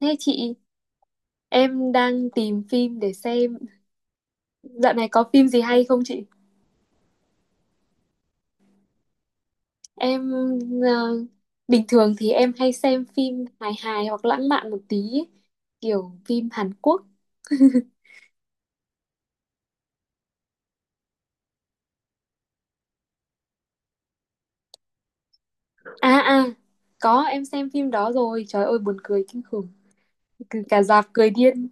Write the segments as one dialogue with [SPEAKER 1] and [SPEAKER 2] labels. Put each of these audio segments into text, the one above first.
[SPEAKER 1] Thế chị, em đang tìm phim để xem. Dạo này có phim gì hay không chị? Em ờ, bình thường thì em hay xem phim hài hài hoặc lãng mạn một tí, ấy, kiểu phim Hàn Quốc. À à, có em xem phim đó rồi. Trời ơi buồn cười kinh khủng, cứ cả rạp cười điên.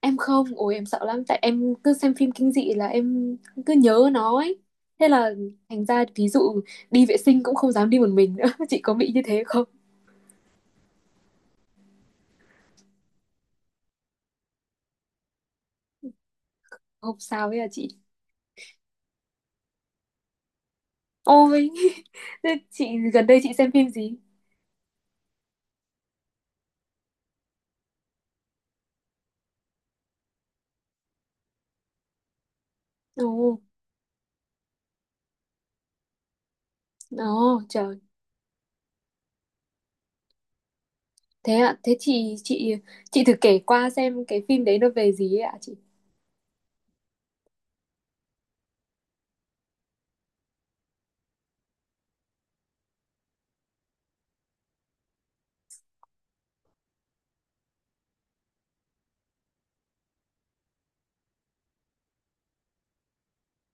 [SPEAKER 1] Em không, ôi em sợ lắm tại em cứ xem phim kinh dị là em cứ nhớ nó ấy. Thế là thành ra ví dụ đi vệ sinh cũng không dám đi một mình nữa. Chị có bị như thế không? Không sao ấy à chị. Ôi, thế chị, gần đây chị xem phim gì? Ồ, ồ, trời. Thế ạ, thế chị thử kể qua xem cái phim đấy nó về gì ấy ạ chị?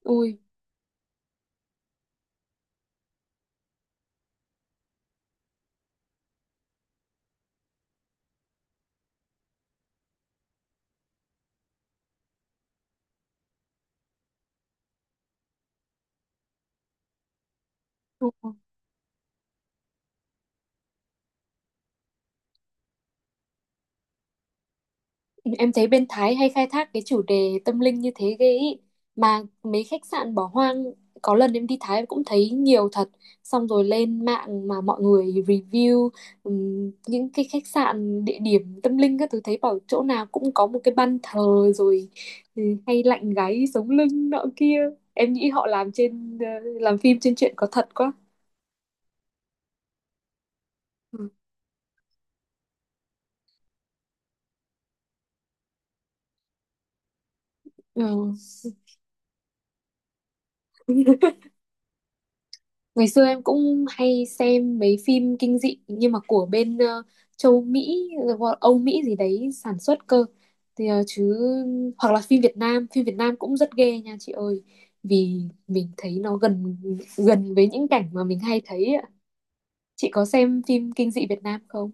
[SPEAKER 1] Ui, em thấy bên Thái hay khai thác cái chủ đề tâm linh như thế ghê ý. Mà mấy khách sạn bỏ hoang, có lần em đi Thái cũng thấy nhiều thật. Xong rồi lên mạng mà mọi người review những cái khách sạn, địa điểm tâm linh các thứ thấy bảo chỗ nào cũng có một cái ban thờ rồi ừ, hay lạnh gáy sống lưng nọ kia. Em nghĩ họ làm phim trên chuyện có thật quá. Ừ. Ừ. Ngày xưa em cũng hay xem mấy phim kinh dị nhưng mà của bên châu Mỹ, Âu Mỹ gì đấy sản xuất cơ. Thì chứ hoặc là phim Việt Nam cũng rất ghê nha chị ơi. Vì mình thấy nó gần gần với những cảnh mà mình hay thấy ạ. Chị có xem phim kinh dị Việt Nam không?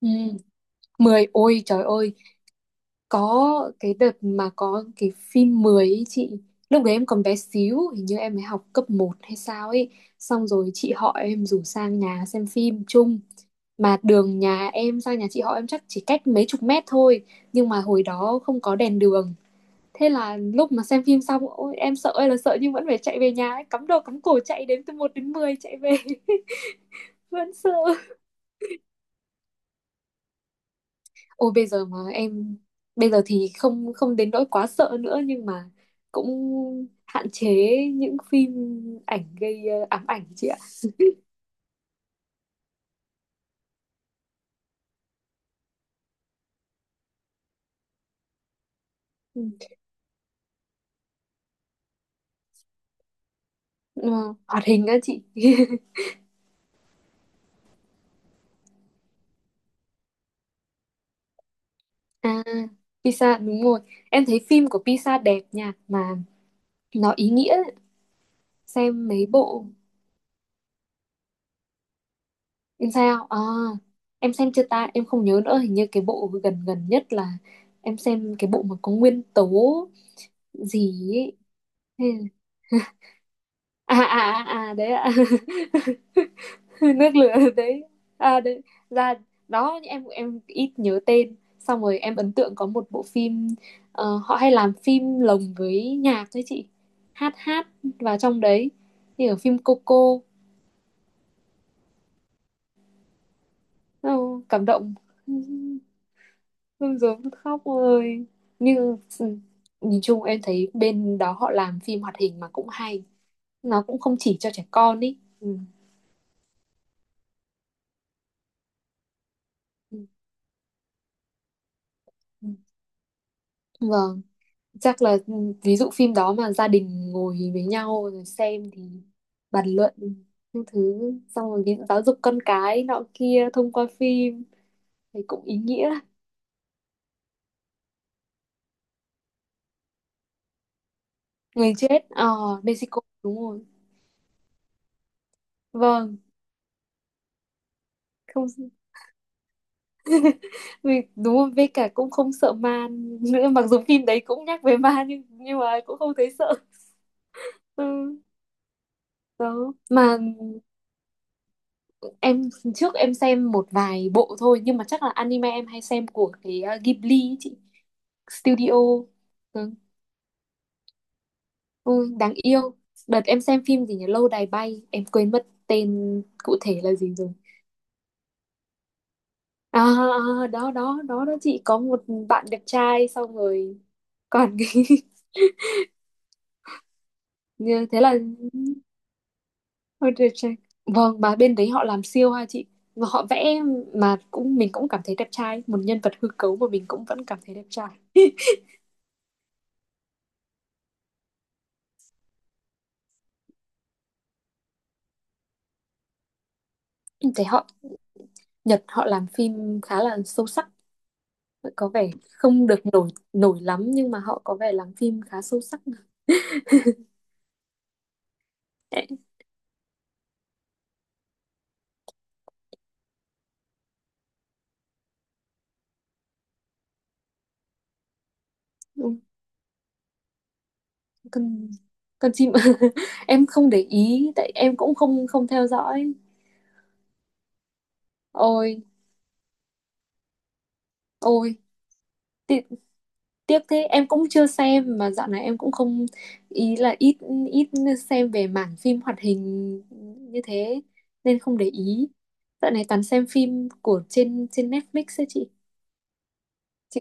[SPEAKER 1] Ừ, 10 ôi trời ơi, có cái đợt mà có cái phim 10 ấy chị. Lúc đấy em còn bé xíu. Hình như em mới học cấp một hay sao ấy. Xong rồi chị họ em rủ sang nhà xem phim chung. Mà đường nhà em sang nhà chị họ em chắc chỉ cách mấy chục mét thôi. Nhưng mà hồi đó không có đèn đường. Thế là lúc mà xem phim xong ôi, em sợ ơi là sợ nhưng vẫn phải chạy về nhà ấy. Cắm đầu cắm cổ chạy đến từ một đến 10 chạy về. Vẫn sợ. Ôi bây giờ mà em bây giờ thì không không đến nỗi quá sợ nữa nhưng mà cũng hạn chế những phim ảnh gây ám ảnh chị ạ. Ừ. Ờ, hoạt hình á chị. À, Pisa đúng rồi. Em thấy phim của Pisa đẹp nha mà nó ý nghĩa, xem mấy bộ. Em sao? À em xem chưa ta? Em không nhớ nữa, hình như cái bộ gần gần nhất là em xem cái bộ mà có nguyên tố gì ấy. Hay là- À à à, à, đấy ạ. Nước lửa đấy, à đấy, ra đó. Em ít nhớ tên, xong rồi em ấn tượng có một bộ phim, họ hay làm phim lồng với nhạc đấy chị, hát hát vào trong đấy, như ở phim Coco. Ồ, cảm động. Rưng rưng khóc ơi, như ừ, nhìn chung em thấy bên đó họ làm phim hoạt hình mà cũng hay, nó cũng không chỉ cho trẻ con ý ừ. Ừ, ừ. Ừ. Vâng, chắc là ừ, ví dụ phim đó mà gia đình ngồi với nhau rồi xem thì bàn luận những thứ, xong rồi ví dụ giáo dục con cái nọ kia thông qua phim thì cũng ý nghĩa. Người chết, Mexico đúng rồi. Vâng. Không, vì đúng rồi, với cả cũng không sợ ma nữa, mặc dù phim đấy cũng nhắc về ma nhưng mà cũng không thấy sợ. Ừ, đó mà. Em trước em xem một vài bộ thôi, nhưng mà chắc là anime em hay xem của cái Ghibli ấy chị, studio. Ừ. Ôi, đáng yêu. Đợt em xem phim gì nhỉ? Lâu đài bay. Em quên mất tên cụ thể là gì rồi. À, à, đó, đó, đó, đó chị. Có một bạn đẹp trai xong rồi. Còn cái... như thế là... Ôi, đẹp trai. Vâng, mà bên đấy họ làm siêu ha chị. Mà họ vẽ mà cũng mình cũng cảm thấy đẹp trai. Một nhân vật hư cấu mà mình cũng vẫn cảm thấy đẹp trai. Em thấy họ, Nhật họ làm phim khá là sâu sắc. Có vẻ không được nổi nổi lắm nhưng mà họ có vẻ làm phim khá sâu sắc. Đấy. con con chim. Em không để ý tại em cũng không không theo dõi. Ôi ôi ti- tiếc thế, em cũng chưa xem mà dạo này em cũng không, ý là ít ít xem về mảng phim hoạt hình như thế nên không để ý, dạo này toàn xem phim của trên trên Netflix ấy chị. chị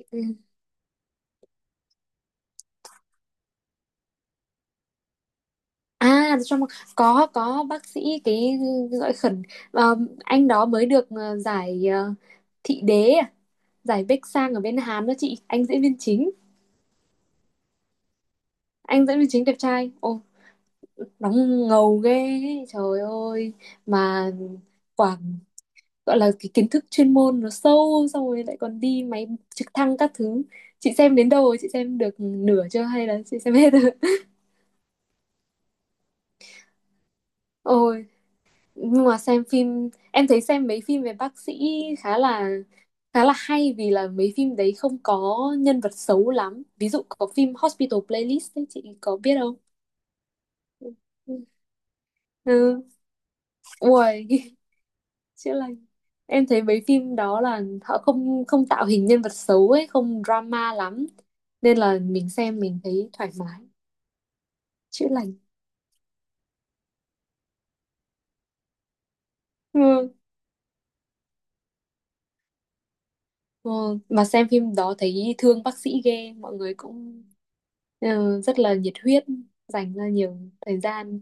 [SPEAKER 1] à trong có bác sĩ cái gọi khẩn ờ, anh đó mới được giải thị đế à? Giải Bách Sang ở bên Hàn đó chị, anh diễn viên chính. Anh diễn viên chính đẹp trai, ô đóng ngầu ghê ấy, trời ơi, mà quảng, gọi là cái kiến thức chuyên môn nó sâu xong rồi lại còn đi máy trực thăng các thứ. Chị xem đến đâu rồi, chị xem được nửa chưa hay là chị xem hết rồi? Ôi, nhưng mà xem phim em thấy xem mấy phim về bác sĩ khá là khá là hay vì là mấy phim đấy không có nhân vật xấu lắm, ví dụ có phim Hospital Playlist ấy, chị có biết không? Ừ. Ui, chữa lành. Em thấy mấy phim đó là họ không không tạo hình nhân vật xấu ấy, không drama lắm, nên là mình xem mình thấy thoải mái. Chữa lành. Ừ. Ừ. Mà xem phim đó thấy thương bác sĩ ghê, mọi người cũng rất là nhiệt huyết, dành ra nhiều thời gian,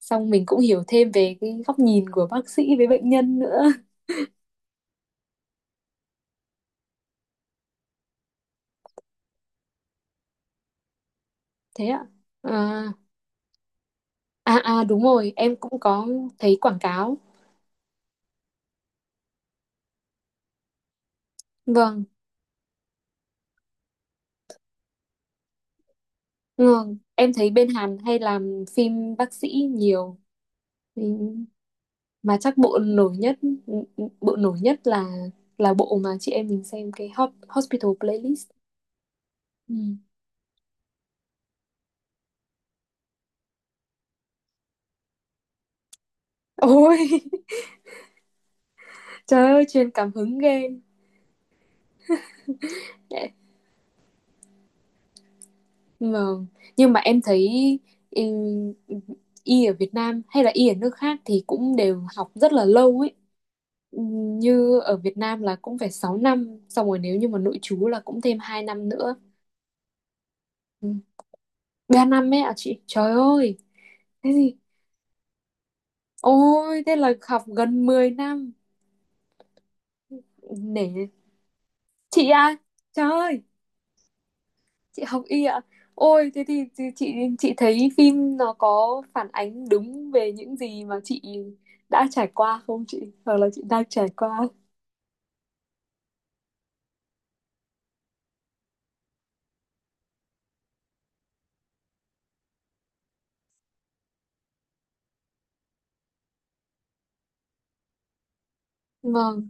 [SPEAKER 1] xong mình cũng hiểu thêm về cái góc nhìn của bác sĩ với bệnh nhân nữa. Thế ạ. À, à à đúng rồi em cũng có thấy quảng cáo. Vâng vâng, em thấy bên Hàn hay làm phim bác sĩ nhiều. Ừ, mà chắc bộ nổi nhất là bộ mà chị em mình xem cái Hot, Hospital Playlist. Ừ. Ôi trời ơi, truyền cảm hứng ghê. Nhưng mà nhưng mà em thấy ừ, y ở Việt Nam hay là y ở nước khác thì cũng đều học rất là lâu ấy, như ở Việt Nam là cũng phải 6 năm xong rồi nếu như mà nội trú là cũng thêm 2 năm nữa. Ừ. 3 năm ấy ạ chị, trời ơi thế gì, ôi thế là học gần 10 năm. Để chị à, trời ơi, chị học y ạ? Ôi thế thì chị, chị thấy phim nó có phản ánh đúng về những gì mà chị đã trải qua không chị, hoặc là chị đang trải qua? Vâng.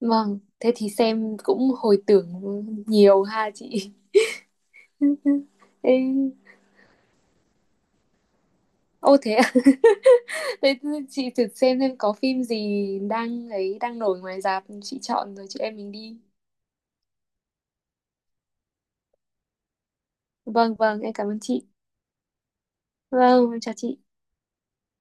[SPEAKER 1] Vâng, thế thì xem cũng hồi tưởng nhiều ha chị. Ê, ô thế à? Thế chị thử xem có phim gì đang ấy đang nổi ngoài rạp, chị chọn rồi chị em mình đi. Vâng vâng, em cảm ơn chị. Vâng em chào chị.